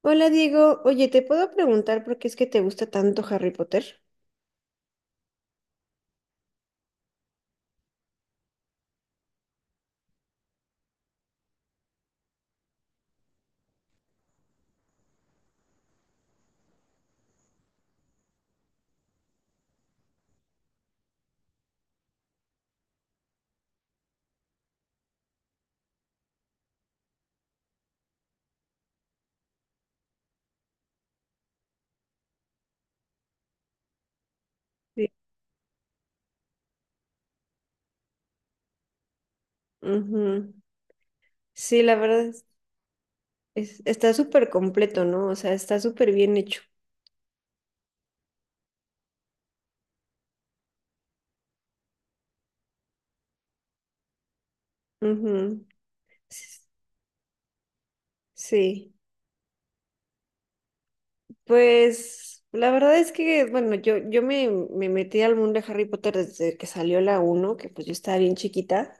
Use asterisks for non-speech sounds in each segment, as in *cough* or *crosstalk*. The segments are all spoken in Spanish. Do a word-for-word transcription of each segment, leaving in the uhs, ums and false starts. Hola Diego, oye, ¿te puedo preguntar por qué es que te gusta tanto Harry Potter? Sí. Ujú. Sí, la verdad es- es- está súper completo, ¿no? O sea, está súper bien hecho. Ujú. S- Sí. Pues la verdad es que, bueno, yo, yo me, me metí al mundo de Harry Potter desde que salió la uno, que pues yo estaba bien chiquita.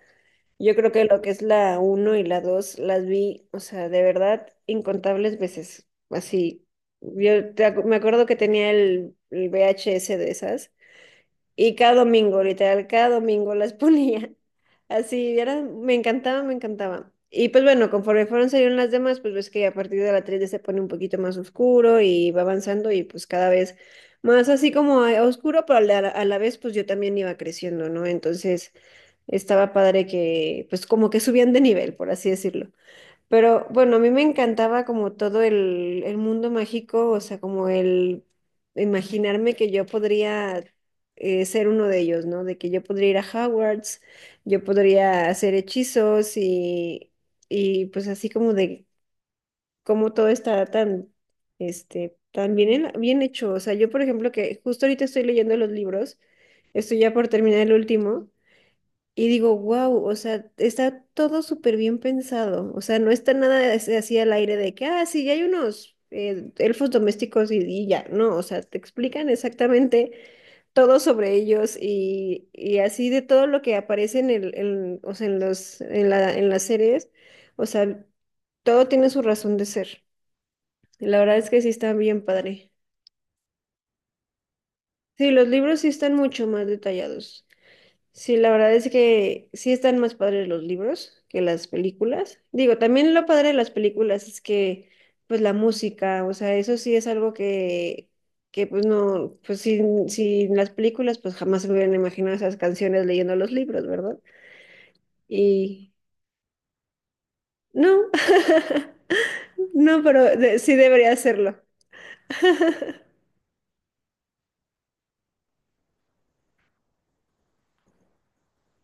Yo creo que lo que es la uno y la dos las vi, o sea, de verdad, incontables veces. Así, yo te acu- me acuerdo que tenía el, el V H S de esas y cada domingo, literal, cada domingo las *laughs* ponía. Así, era, me encantaba, me encantaba. Y pues bueno, conforme fueron saliendo las demás, pues ves que a partir de la tres d se pone un poquito más oscuro y va avanzando y pues cada vez más así como a- oscuro, pero a la, a la vez pues yo también iba creciendo, ¿no? Entonces estaba padre que pues como que subían de nivel, por así decirlo. Pero bueno, a mí me encantaba como todo el, el mundo mágico, o sea, como el imaginarme que yo podría eh, ser uno de ellos, ¿no? De que yo podría ir a Hogwarts, yo podría hacer hechizos y, y pues así como de cómo todo está tan, este, tan bien, en- bien hecho. O sea, yo por ejemplo que justo ahorita estoy leyendo los libros, estoy ya por terminar el último. Y digo, wow, o sea, está todo súper bien pensado. O sea, no está nada as- así al aire de que, ah, sí, ya hay unos eh, elfos domésticos y, y ya. No, o sea, te explican exactamente todo sobre ellos y, y así de todo lo que aparece en el, en- o sea, en los, en la, en las series. O sea, todo tiene su razón de ser. Y la verdad es que sí está bien padre. Sí, los libros sí están mucho más detallados. Sí, la verdad es que sí están más padres los libros que las películas. Digo, también lo padre de las películas es que, pues la música, o sea, eso sí es algo que, que pues no, pues sin, sin las películas, pues jamás se me hubieran imaginado esas canciones leyendo los libros, ¿verdad? Y no, *laughs* no, pero de- sí debería hacerlo.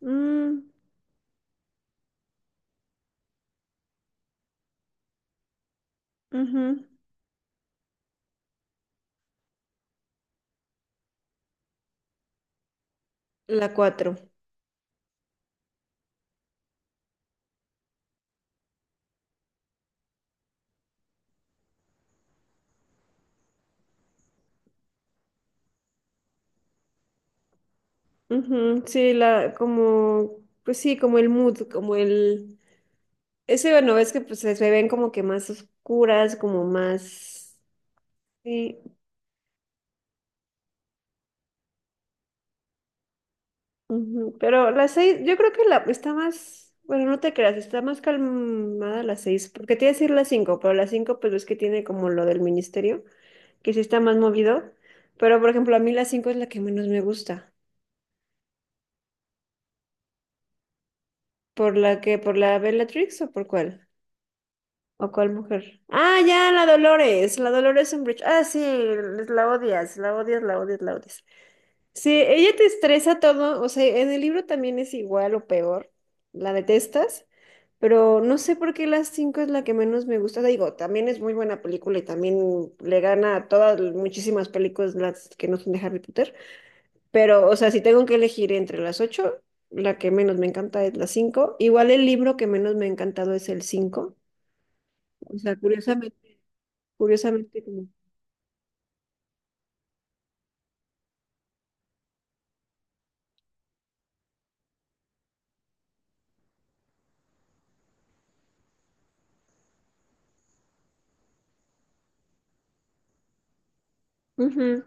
Mm, ujú. La cuatro. Ujú, sí, la, como, pues sí, como el mood, como el... Ese no ves que pues se se ven como que más oscuras, como más. Sí. Ujú. Pero las seis, yo creo que la está más, bueno, no te creas, está más calmada las seis, porque te iba a decir las cinco, pero las cinco pues es que tiene como lo del ministerio, que sí está más movido. Pero por ejemplo, a mí las cinco es la que menos me gusta. ¿Por la que, por la Bellatrix o por cuál? ¿O cuál mujer? Ah, ya, la Dolores, la Dolores Umbridge. Ah, sí, la odias, la odias, la odias, la odias. Sí, ella te estresa todo, o sea, en el libro también es igual o peor, la detestas, pero no sé por qué las cinco es la que menos me gusta. Digo, también es muy buena película y también le gana a todas muchísimas películas las que no son de Harry Potter, pero o sea, si tengo que elegir entre las ocho, la que menos me encanta es la cinco. Igual el libro que menos me ha encantado es el cinco. O sea, curiosamente, curiosamente como... Ujú.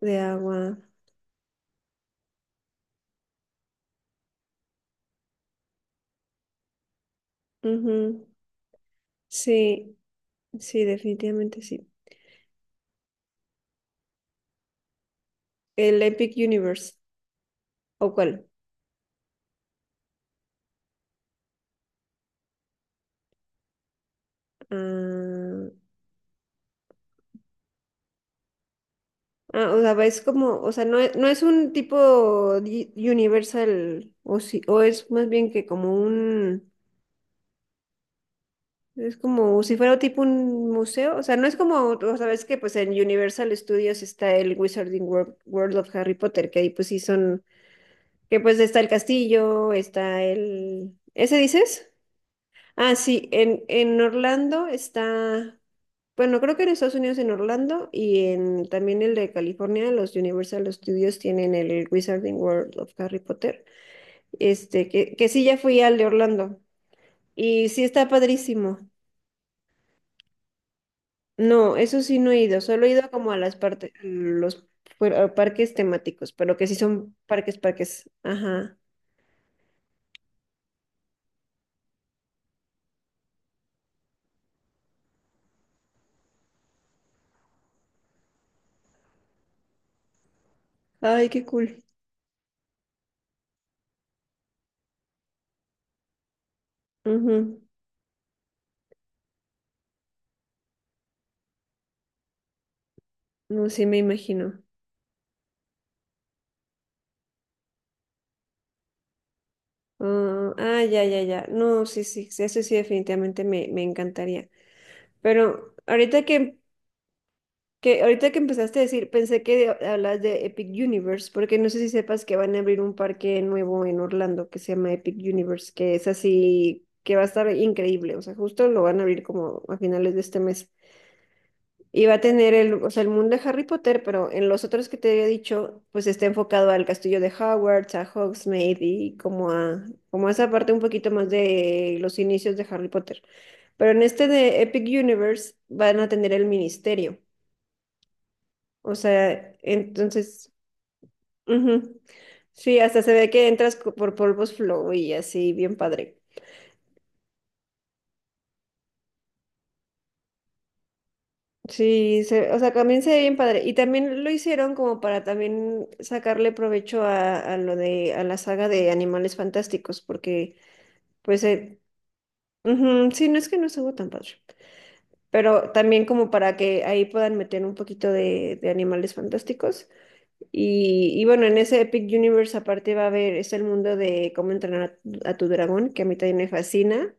De agua. Ujú. Sí, sí, definitivamente sí. El Epic Universe. ¿O cuál? Ah, ah, o sea, va- es como, o sea, no es, no es un tipo di- Universal, o si, o es más bien que como un, es como si fuera tipo un museo, o sea, no es como, o sabes que pues en Universal Studios está el Wizarding World, World of Harry Potter, que ahí pues sí son, que pues está el castillo, está el, ¿ese dices? Ah, sí, en, en Orlando está, bueno, creo que en Estados Unidos en Orlando y en también el de California, los Universal Studios tienen el Wizarding World of Harry Potter, este, que, que sí ya fui al de Orlando y sí está padrísimo. No, eso sí no he ido, solo he ido como a las partes, los pu- a parques temáticos, pero que sí son parques, parques, ajá. Ay, qué cool. Ujú. No, sí me imagino. Ah, ah, ya, ya, ya. No, sí, sí, sí, eso sí definitivamente me, me encantaría. Pero ahorita que, que, ahorita que empezaste a decir, pensé que de- hablas de Epic Universe, porque no sé si sepas que van a abrir un parque nuevo en Orlando que se llama Epic Universe, que es así, que va a estar increíble. O sea, justo lo van a abrir como a finales de este mes. Y va a tener el, o sea, el mundo de Harry Potter, pero en los otros que te había dicho, pues está enfocado al castillo de Hogwarts, a Hogsmeade y como a, como a esa parte un poquito más de los inicios de Harry Potter. Pero en este de Epic Universe van a tener el ministerio. O sea, entonces, ujú. Sí, hasta se ve que entras co- por Polvos Flow y así, bien padre. Sí, se- o sea, también se ve bien padre. Y también lo hicieron como para también sacarle provecho a, a lo de, a la saga de Animales Fantásticos, porque pues, eh, ujú, sí, no es que no estuvo tan padre, pero también como para que ahí puedan meter un poquito de, de Animales Fantásticos. Y, y bueno, en ese Epic Universe aparte va a haber, es el mundo de cómo entrenar a, tu a tu dragón, que a mí también me fascina.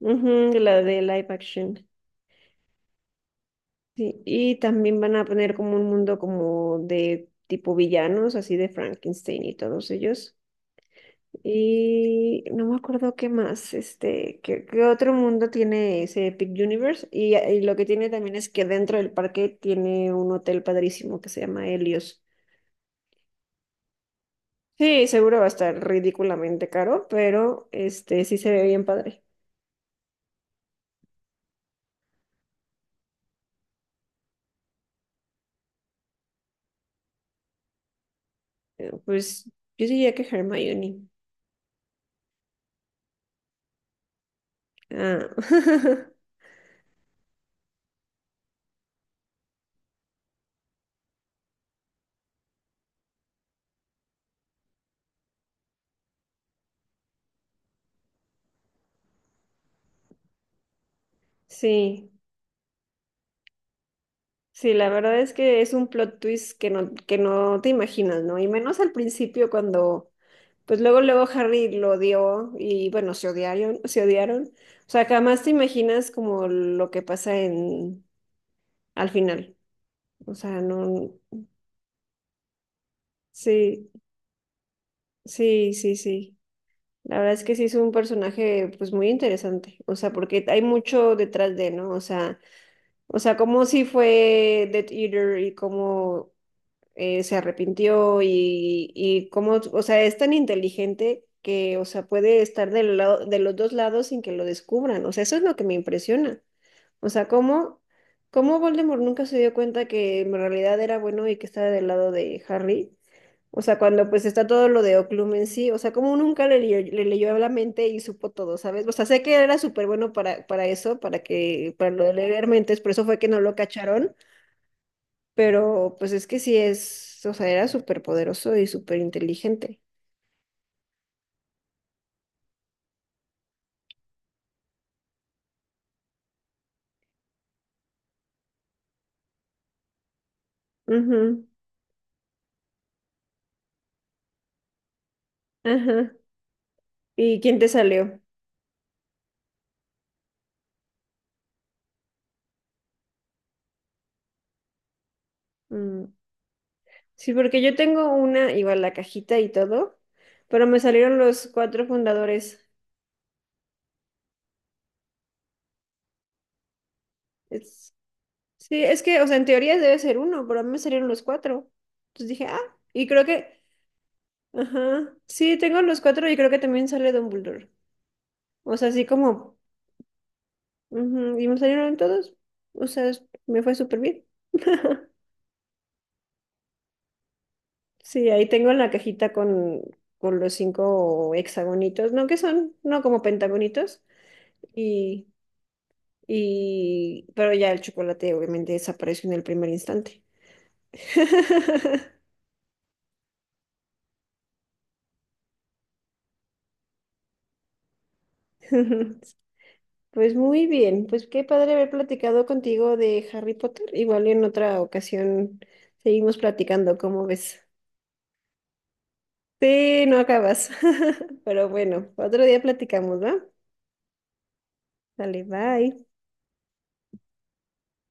Ujú, la de live action. Sí, y también van a poner como un mundo como de tipo villanos, así de Frankenstein y todos ellos. Y no me acuerdo qué más, este, qué, qué otro mundo tiene ese Epic Universe. Y, y lo que tiene también es que dentro del parque tiene un hotel padrísimo que se llama Helios. Sí, seguro va a estar ridículamente caro, pero este sí se ve bien padre. Eh, Pues yo diría que Hermione. Ah, *laughs* sí. Sí, la verdad es que es un plot twist que no, que no te imaginas, ¿no? Y menos al principio cuando, pues luego, luego Harry lo odió y bueno, se odiaron, se odiaron. O sea, jamás te imaginas como lo que pasa en, al final. O sea, no, sí, sí, sí, sí. La verdad es que sí es un personaje, pues muy interesante. O sea, porque hay mucho detrás de, ¿no? O sea, o sea, cómo sí fue Death Eater y cómo eh, se arrepintió y, y cómo, o sea, es tan inteligente que, o sea, puede estar del lado, de los dos lados sin que lo descubran. O sea, eso es lo que me impresiona. O sea, cómo, cómo Voldemort nunca se dio cuenta que en realidad era bueno y que estaba del lado de Harry. O sea, cuando pues está todo lo de Oclum en sí, o sea, como nunca le, leyó- le leyó la mente y supo todo, ¿sabes? O sea, sé que era súper bueno para, para eso, para que, para lo de leer mentes, por eso fue que no lo cacharon, pero pues es que sí es, o sea, era súper poderoso y súper inteligente. Ujú, ajá. ¿Y quién te salió? Mm, sí, porque yo tengo una, igual la cajita y todo, pero me salieron los cuatro fundadores. Es- sí, es que, o sea, en teoría debe ser uno, pero a mí me salieron los cuatro. Entonces dije, ah, y creo que, ajá, sí, tengo los cuatro y creo que también sale Dumbledore. O sea, así como, ujú, y me salieron todos. O sea, es- me fue súper bien. *laughs* Sí, ahí tengo la cajita con, con los cinco hexagonitos, ¿no? Que son, no como pentagonitos. Y, y, pero ya el chocolate obviamente desapareció en el primer instante. *laughs* Pues muy bien, pues qué padre haber platicado contigo de Harry Potter. Igual en otra ocasión seguimos platicando, ¿cómo ves? Sí, no acabas. *laughs* Pero bueno, otro día platicamos, ¿va? Dale, bye.